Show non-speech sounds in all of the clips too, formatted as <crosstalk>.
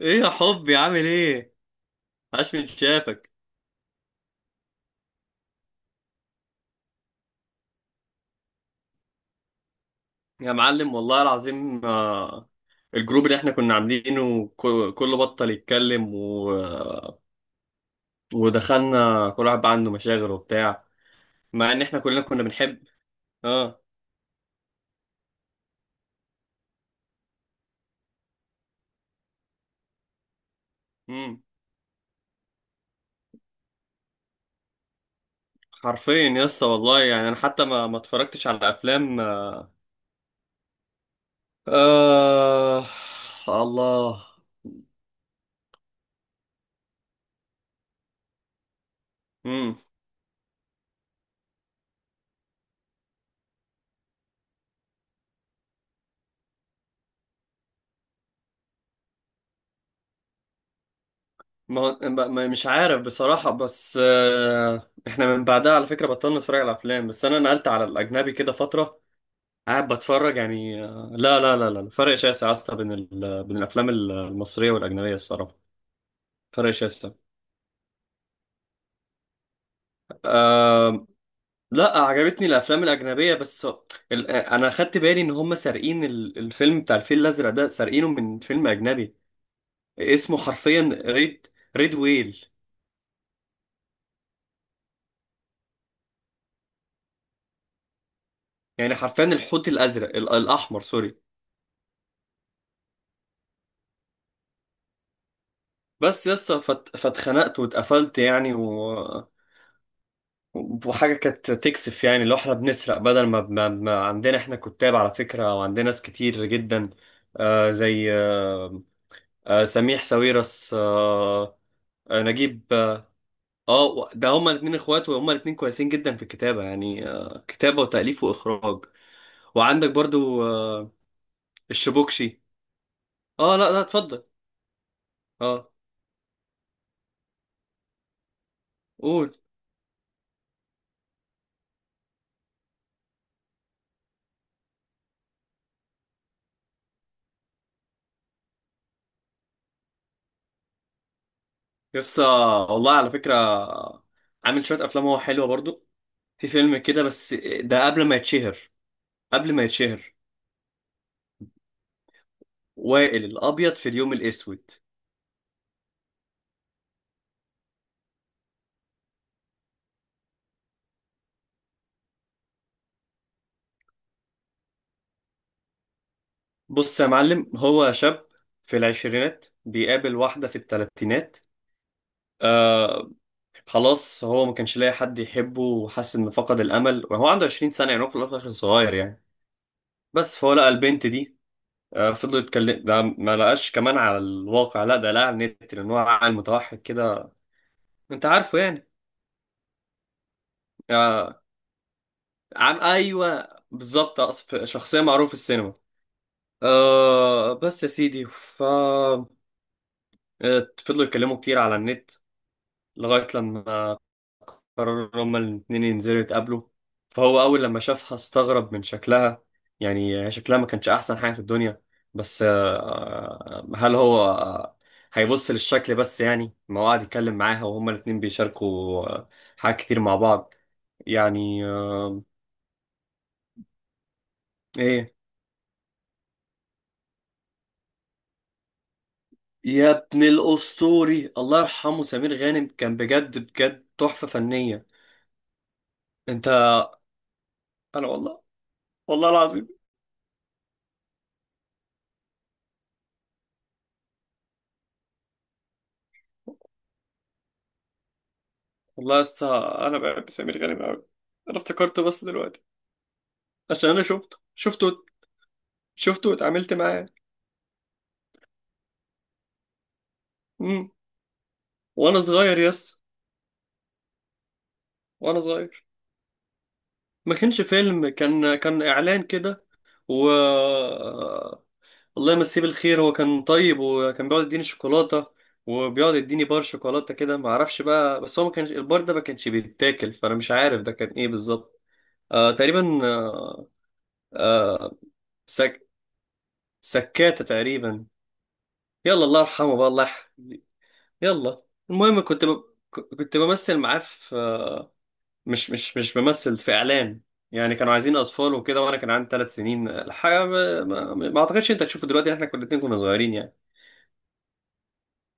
ايه يا حبي، عامل ايه؟ عاش من شافك. يا معلم والله العظيم. الجروب اللي احنا كنا عاملينه كله بطل يتكلم ودخلنا، كل واحد بقى عنده مشاغل وبتاع. مع ان احنا كلنا كنا بنحب. اه امم حرفيا يا اسطى والله، يعني انا حتى ما اتفرجتش على افلام. آه الله. امم مش عارف بصراحة، بس احنا من بعدها على فكرة بطلنا نتفرج على افلام، بس انا نقلت على الاجنبي كده فترة قاعد بتفرج. يعني لا لا لا لا، فرق شاسع يا اسطى بين بين الافلام المصريه والاجنبيه الصراحه. فرق شاسع. أه... لا، عجبتني الافلام الاجنبيه، بس انا خدت بالي ان هم سارقين الفيلم بتاع الفيل الازرق ده، سارقينه من فيلم اجنبي اسمه حرفيا ريد. ريد ويل. يعني حرفيا الحوت الازرق، الاحمر، سوري. بس يا اسطى، فاتخنقت واتقفلت يعني وحاجة كانت تكسف، يعني لو احنا بنسرق بدل ما عندنا احنا كتاب على فكرة، وعندنا ناس كتير جدا. آه زي آه سميح ساويرس، نجيب، ده هما الاتنين اخوات، وهما الاتنين كويسين جدا في الكتابة. يعني كتابة وتأليف وإخراج. وعندك برضو الشبوكشي. اه لا لا، اتفضل. اه قول. يس. والله على فكرة، عامل شوية أفلام هو حلوة برضو. في فيلم كده بس، ده قبل ما يتشهر، قبل ما يتشهر. وائل الأبيض في اليوم الأسود. بص يا معلم، هو شاب في العشرينات بيقابل واحدة في التلاتينات. آه خلاص، هو ما كانش لاقي حد يحبه وحس إنه فقد الأمل، وهو عنده 20 سنة، يعني هو في الأول وفي الآخر صغير يعني. بس فهو لقى البنت دي. فضل يتكلم، ده ما لقاش كمان على الواقع، لا، ده لقى على النت، لأن هو عقل متوحد كده، أنت عارفه يعني. آه عم أيوه بالظبط، شخصية معروفة في السينما. بس يا سيدي، ف آه، فضلوا يتكلموا كتير على النت لغاية لما قرروا هما الاتنين ينزلوا يتقابلوا. فهو أول لما شافها استغرب من شكلها، يعني شكلها ما كانش أحسن حاجة في الدنيا. بس هل هو هيبص للشكل بس؟ يعني ما هو قاعد يتكلم معاها وهما الاتنين بيشاركوا حاجات كتير مع بعض يعني إيه. يا ابن الأسطوري، الله يرحمه سمير غانم، كان بجد بجد تحفة فنية. أنت أنا والله. والله العظيم. والله لسه انا بحب سمير غانم قوي. انا افتكرت بس دلوقتي، عشان انا شفته واتعاملت معاه. امم وانا صغير. يس، وانا صغير. ما كانش فيلم، كان اعلان كده. و الله يمسيه بالخير، هو كان طيب وكان بيقعد يديني شوكولاته، وبيقعد يديني بار شوكولاته كده، ما اعرفش بقى، بس هو ما كانش البار ده، ما كانش بيتاكل، فانا مش عارف ده كان ايه بالظبط. تقريبا. آه سك... سكاته تقريبا. يلا، الله يرحمه بقى، الله يح- يلا. المهم، كنت بمثل معاه في، مش بمثل، في اعلان. يعني كانوا عايزين اطفال وكده، وانا كان عندي 3 سنين الحقيقه، ما اعتقدش انت هتشوفه دلوقتي، احنا كنا الاتنين كنا صغيرين يعني.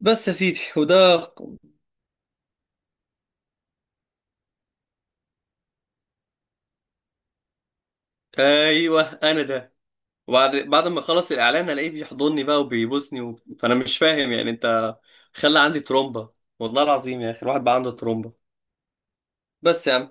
بس يا سيدي، وده ايوه انا ده. وبعد ما خلص الاعلان الاقيه بيحضني بقى وبيبوسني فانا مش فاهم يعني. انت خلى عندي ترومبا، والله العظيم يا اخي، الواحد بقى عنده ترومبا. بس يا عم،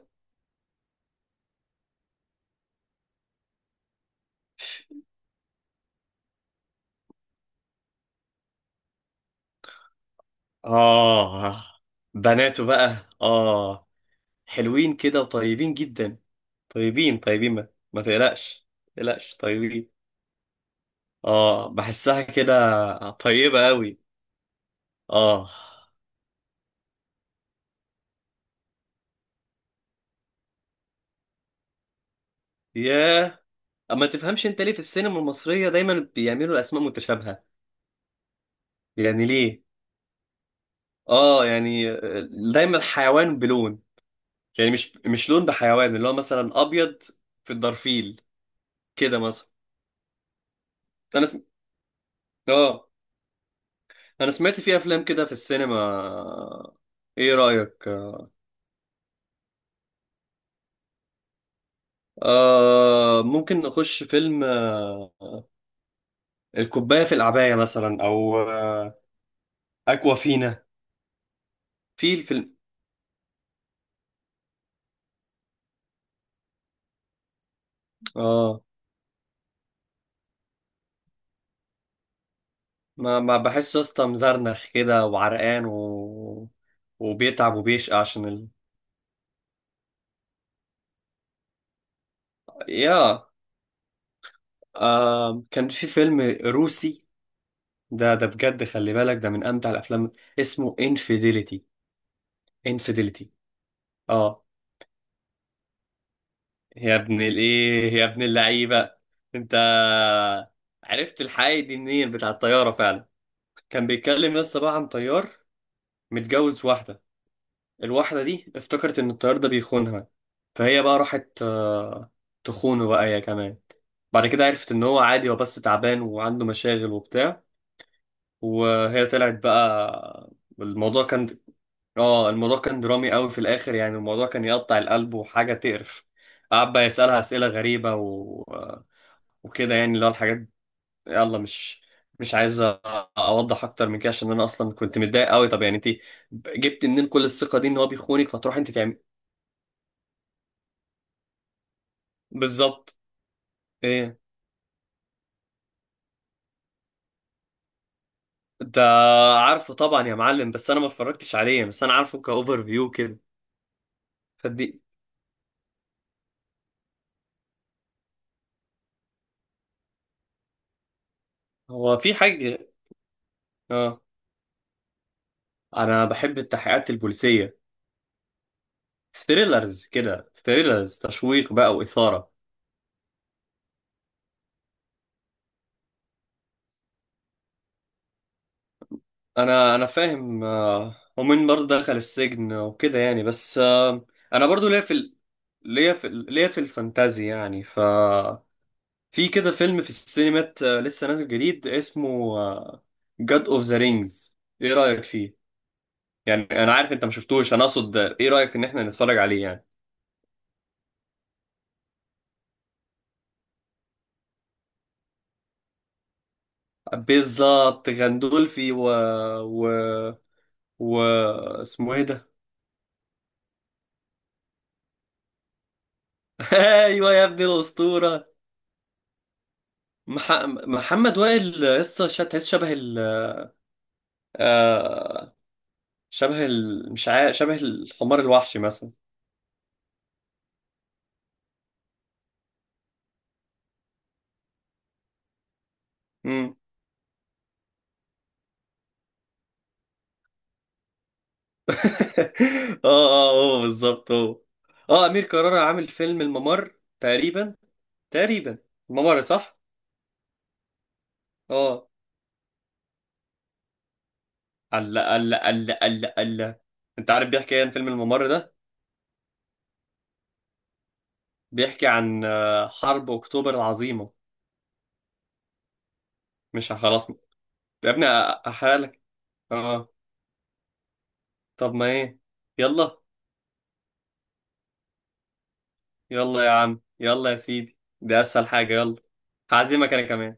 آه بناته بقى، آه حلوين كده وطيبين جدا. طيبين طيبين، ما تقلقش ما تقلقش، طيبين. اه بحسها كده طيبة قوي. اه ياه، اما تفهمش انت ليه في السينما المصرية دايما بيعملوا اسماء متشابهة؟ يعني ليه؟ اه يعني دايما حيوان بلون، يعني مش مش لون بحيوان، اللي هو مثلا ابيض في الدرفيل كده مثلا. انا سم... اه انا سمعت في افلام كده في السينما. ايه رأيك؟ ممكن نخش فيلم. الكوباية في العباية مثلا، أو أكوا فينا. في الفيلم آه ما بحسه يا اسطى مزرنخ كده وعرقان، وبيتعب وبيشقى عشان يا. كان في فيلم روسي، ده بجد خلي بالك، ده من أمتع الأفلام، اسمه انفيديليتي. انفيديليتي. آه يا ابن الإيه يا ابن اللعيبة، أنت عرفت الحقيقة دي منين؟ بتاع الطيارة فعلا. كان بيتكلم لسه بقى عن طيار متجوز واحدة، الواحدة دي افتكرت إن الطيار ده بيخونها، فهي بقى راحت تخونه بقى هي كمان. بعد كده عرفت إن هو عادي، هو بس تعبان وعنده مشاغل وبتاع، وهي طلعت بقى. الموضوع كان، اه الموضوع كان درامي قوي في الآخر، يعني الموضوع كان يقطع القلب وحاجة تقرف. قعد بقى يسألها أسئلة غريبة وكده يعني، اللي هو الحاجات. يلا، مش مش عايز اوضح اكتر من كده، عشان انا اصلا كنت متضايق قوي. طب يعني انت جبت منين كل الثقه دي، ان هو بيخونك فتروح انت تعمل؟ بالظبط. ايه ده؟ عارفه طبعا يا معلم، بس انا ما اتفرجتش عليه، بس انا عارفه كاوفر فيو كده. فدي هو في حاجه. اه انا بحب التحقيقات البوليسيه. ثريلرز كده، ثريلرز تشويق بقى واثاره. انا فاهم ومين برضه دخل السجن وكده يعني، بس انا برضه ليا في الفانتازي يعني. في كده فيلم في السينمات، لسه نازل جديد اسمه جاد اوف ذا رينجز. ايه رأيك فيه؟ يعني انا عارف انت ما شفتوش، انا اقصد ايه رأيك ان احنا نتفرج عليه يعني. بالظبط، غندولفي، و و و اسمه ايه ده؟ <laughs> ايوه يا ابني الاسطوره. مح... محمد وائل. لسه تحس شبه، آه شبه مش عارف، شبه الحمار الوحشي مثلا. امم <laughs> اه هو بالظبط هو. اه امير كرارة عامل فيلم الممر. تقريبا، تقريبا، الممر صح. اه الله الله الله الله الله. انت عارف بيحكي ايه عن فيلم الممر ده؟ بيحكي عن حرب اكتوبر العظيمه. مش ه- خلاص يا ابني، احرق لك. اه طب ما ايه، يلا. يلا يا عم، يلا يا سيدي، دي اسهل حاجه، يلا. هعزمك انا كمان.